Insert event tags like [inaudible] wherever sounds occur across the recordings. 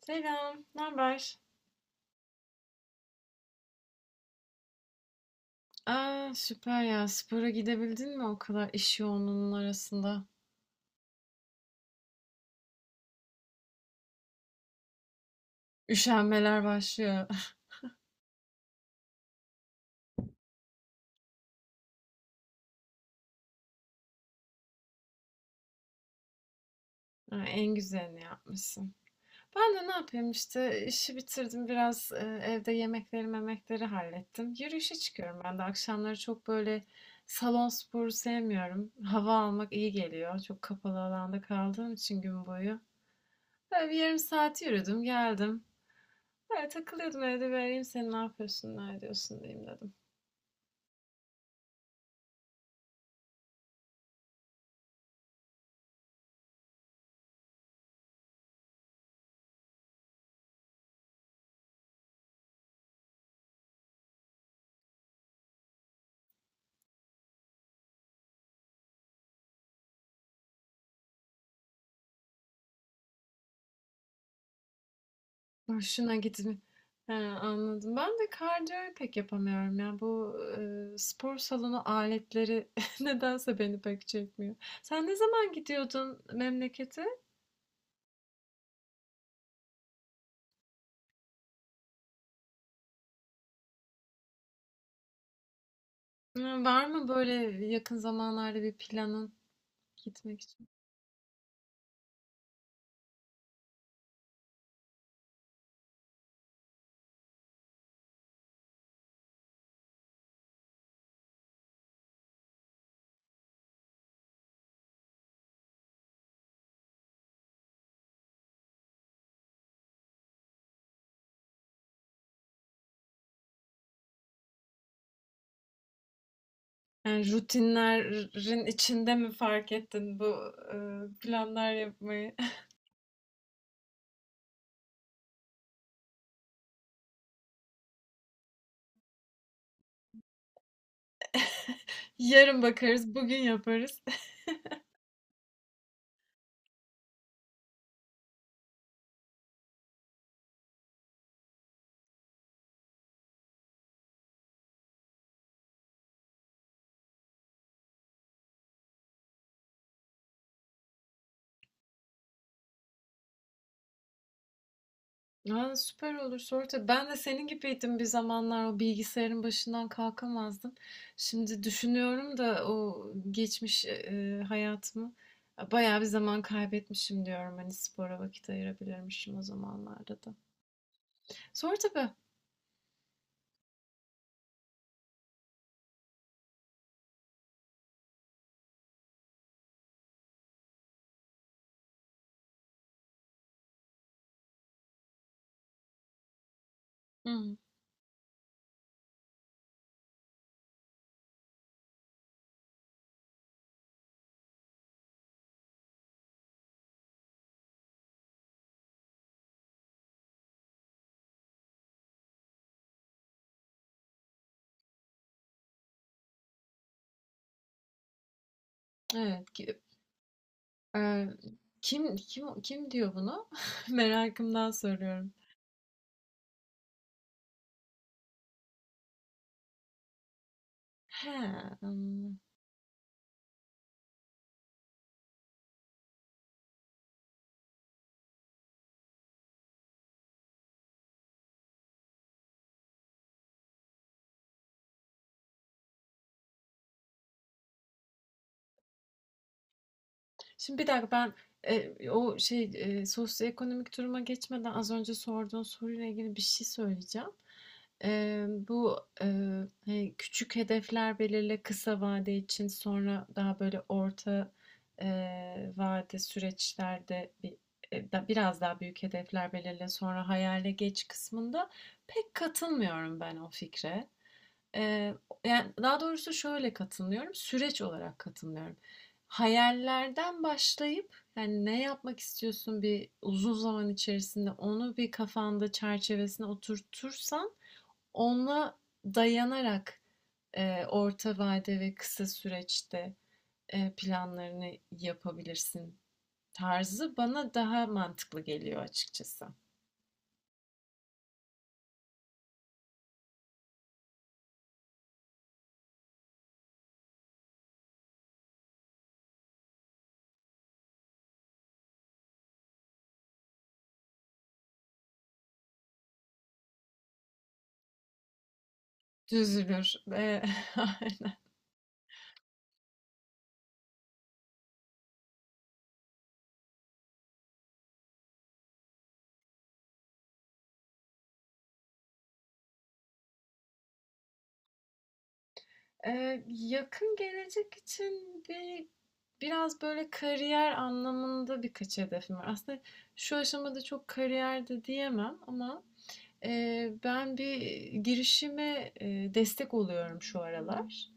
Selam, ne haber? Aa, süper ya. Spora gidebildin mi o kadar iş yoğunluğunun arasında? Üşenmeler başlıyor. [laughs] Ha, en güzelini yapmışsın. Ben de ne yapayım işte işi bitirdim biraz evde yemekleri memekleri hallettim. Yürüyüşe çıkıyorum ben de akşamları çok böyle salon sporu sevmiyorum. Hava almak iyi geliyor. Çok kapalı alanda kaldığım için gün boyu. Böyle bir yarım saat yürüdüm geldim. Böyle takılıyordum evde vereyim arayayım seni, ne yapıyorsun, ne ediyorsun diyeyim dedim. Hoşuna gitmi. He, anladım. Ben de kardiyoyu pek yapamıyorum ya. Bu spor salonu aletleri [laughs] nedense beni pek çekmiyor. Sen ne zaman gidiyordun memlekete? Hı, var mı böyle yakın zamanlarda bir planın gitmek için? Yani rutinlerin içinde mi fark ettin bu e, planlar yapmayı? [laughs] Yarın bakarız, bugün yaparız. Aa, süper olur. Sonra ben de senin gibiydim bir zamanlar, o bilgisayarın başından kalkamazdım. Şimdi düşünüyorum da o geçmiş hayatımı bayağı bir zaman kaybetmişim diyorum. Hani spora vakit ayırabilirmişim o zamanlarda da. Sonra tabii. Hı, evet. E, kim diyor bunu? [laughs] Merakımdan soruyorum. He, şimdi bir dakika ben o şey sosyoekonomik duruma geçmeden az önce sorduğun soruyla ilgili bir şey söyleyeceğim. Bu hani küçük hedefler belirle kısa vade için, sonra daha böyle orta e, vade süreçlerde bir, biraz daha büyük hedefler belirle, sonra hayale geç kısmında pek katılmıyorum ben o fikre. Eee, Yani, daha doğrusu şöyle katılmıyorum, süreç olarak katılmıyorum. Hayallerden başlayıp, yani, ne yapmak istiyorsun bir uzun zaman içerisinde onu bir kafanda çerçevesine oturtursan, ona dayanarak, orta vade ve kısa süreçte, planlarını yapabilirsin tarzı bana daha mantıklı geliyor açıkçası. Düzülür. [laughs] Aynen. Yakın gelecek için bir biraz böyle kariyer anlamında birkaç hedefim var. Aslında şu aşamada çok kariyer de diyemem ama ben bir girişime destek oluyorum şu aralar.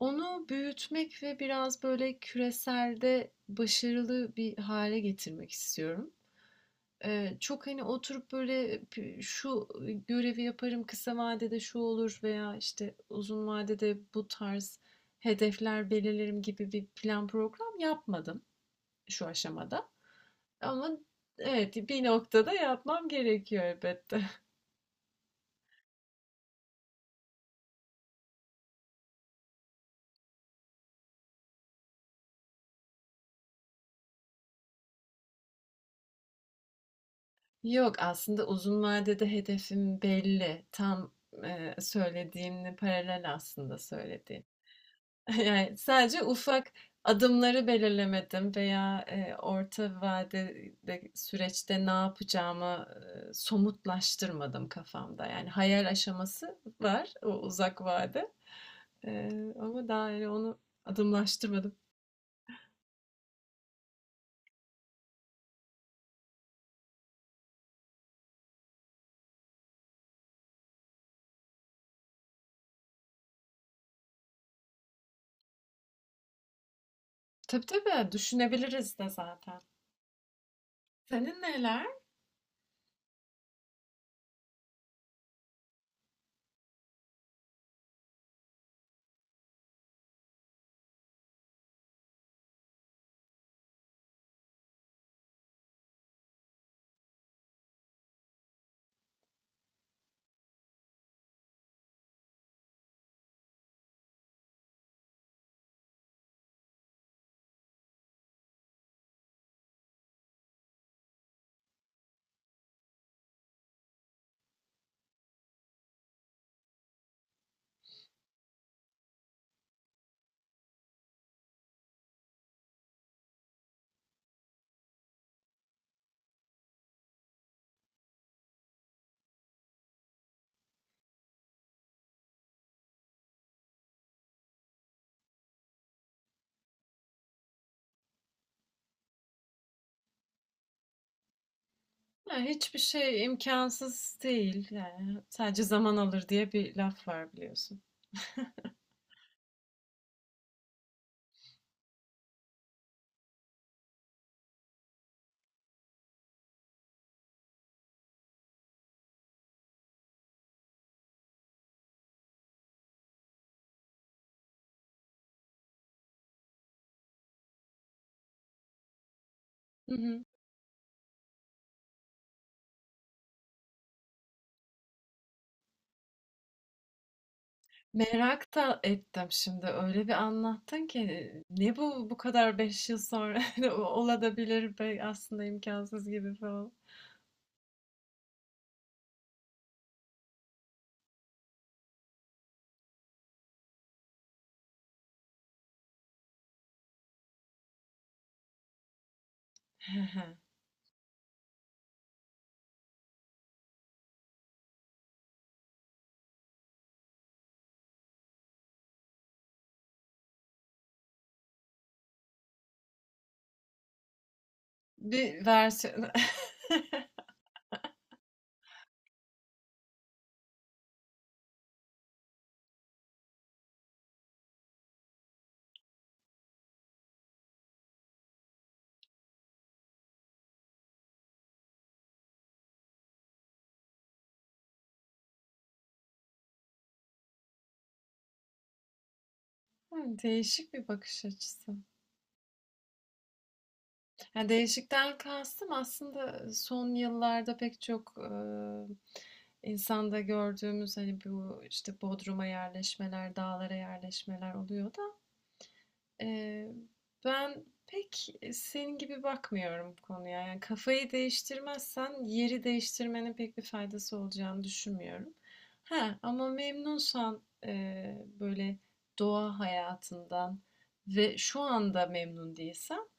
Onu büyütmek ve biraz böyle küreselde başarılı bir hale getirmek istiyorum. Çok, hani, oturup böyle şu görevi yaparım, kısa vadede şu olur veya, işte, uzun vadede bu tarz hedefler belirlerim gibi bir plan program yapmadım şu aşamada. Ama evet, bir noktada yapmam gerekiyor elbette. [laughs] Yok, aslında uzun vadede hedefim belli. Tam, söylediğinle paralel aslında söylediğim. [laughs] Yani sadece ufak adımları belirlemedim veya orta vadede süreçte ne yapacağımı somutlaştırmadım kafamda. Yani hayal aşaması var o uzak vade. E, Ama daha yani onu adımlaştırmadım. Tabii tabii düşünebiliriz de zaten. Senin neler? Ya hiçbir şey imkansız değil yani, sadece zaman alır diye bir laf var biliyorsun. Hı hı. Merak da ettim şimdi öyle bir anlattın ki ne bu kadar, 5 yıl sonra [laughs] de olabilir be aslında, imkansız gibi falan. [laughs] Bir versiyon. [laughs] Değişik bir bakış açısı. Yani değişikten kastım aslında son yıllarda pek çok insanda gördüğümüz hani bu işte Bodrum'a yerleşmeler, dağlara yerleşmeler oluyor da e, ben pek senin gibi bakmıyorum bu konuya. Yani kafayı değiştirmezsen yeri değiştirmenin pek bir faydası olacağını düşünmüyorum. Ha, ama memnunsan böyle doğa hayatından ve şu anda memnun değilsen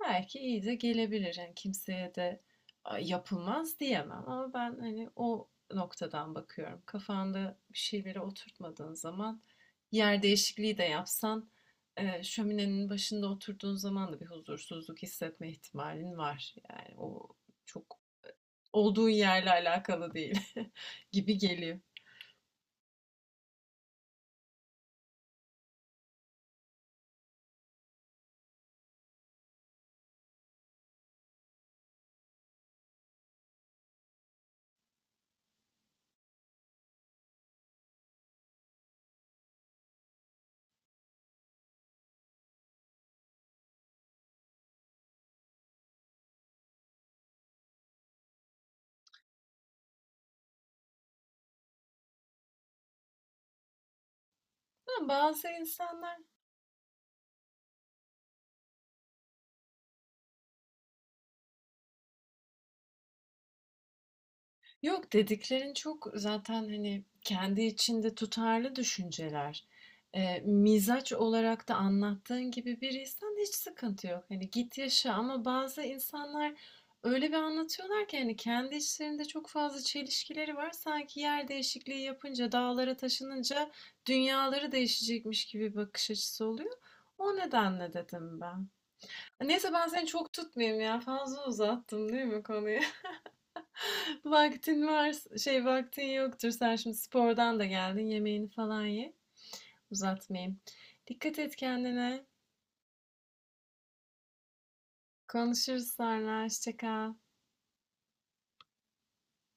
belki iyi de gelebilir. Yani kimseye de yapılmaz diyemem, ama ben hani o noktadan bakıyorum. Kafanda bir şeyleri oturtmadığın zaman yer değişikliği de yapsan şöminenin başında oturduğun zaman da bir huzursuzluk hissetme ihtimalin var. Yani o çok olduğun yerle alakalı değil [laughs] gibi geliyor. Ama bazı insanlar yok, dediklerin çok zaten hani kendi içinde tutarlı düşünceler. Mizaç olarak da anlattığın gibi bir insan, hiç sıkıntı yok. Hani git yaşa, ama bazı insanlar öyle bir anlatıyorlar ki hani kendi içlerinde çok fazla çelişkileri var. Sanki yer değişikliği yapınca, dağlara taşınınca dünyaları değişecekmiş gibi bir bakış açısı oluyor. O nedenle dedim ben. Neyse, ben seni çok tutmayayım ya. Fazla uzattım değil mi konuyu? Vaktin var, şey vaktin yoktur. Sen şimdi spordan da geldin. Yemeğini falan ye. Uzatmayayım. Dikkat et kendine. Konuşuruz sonra. Hoşça kal.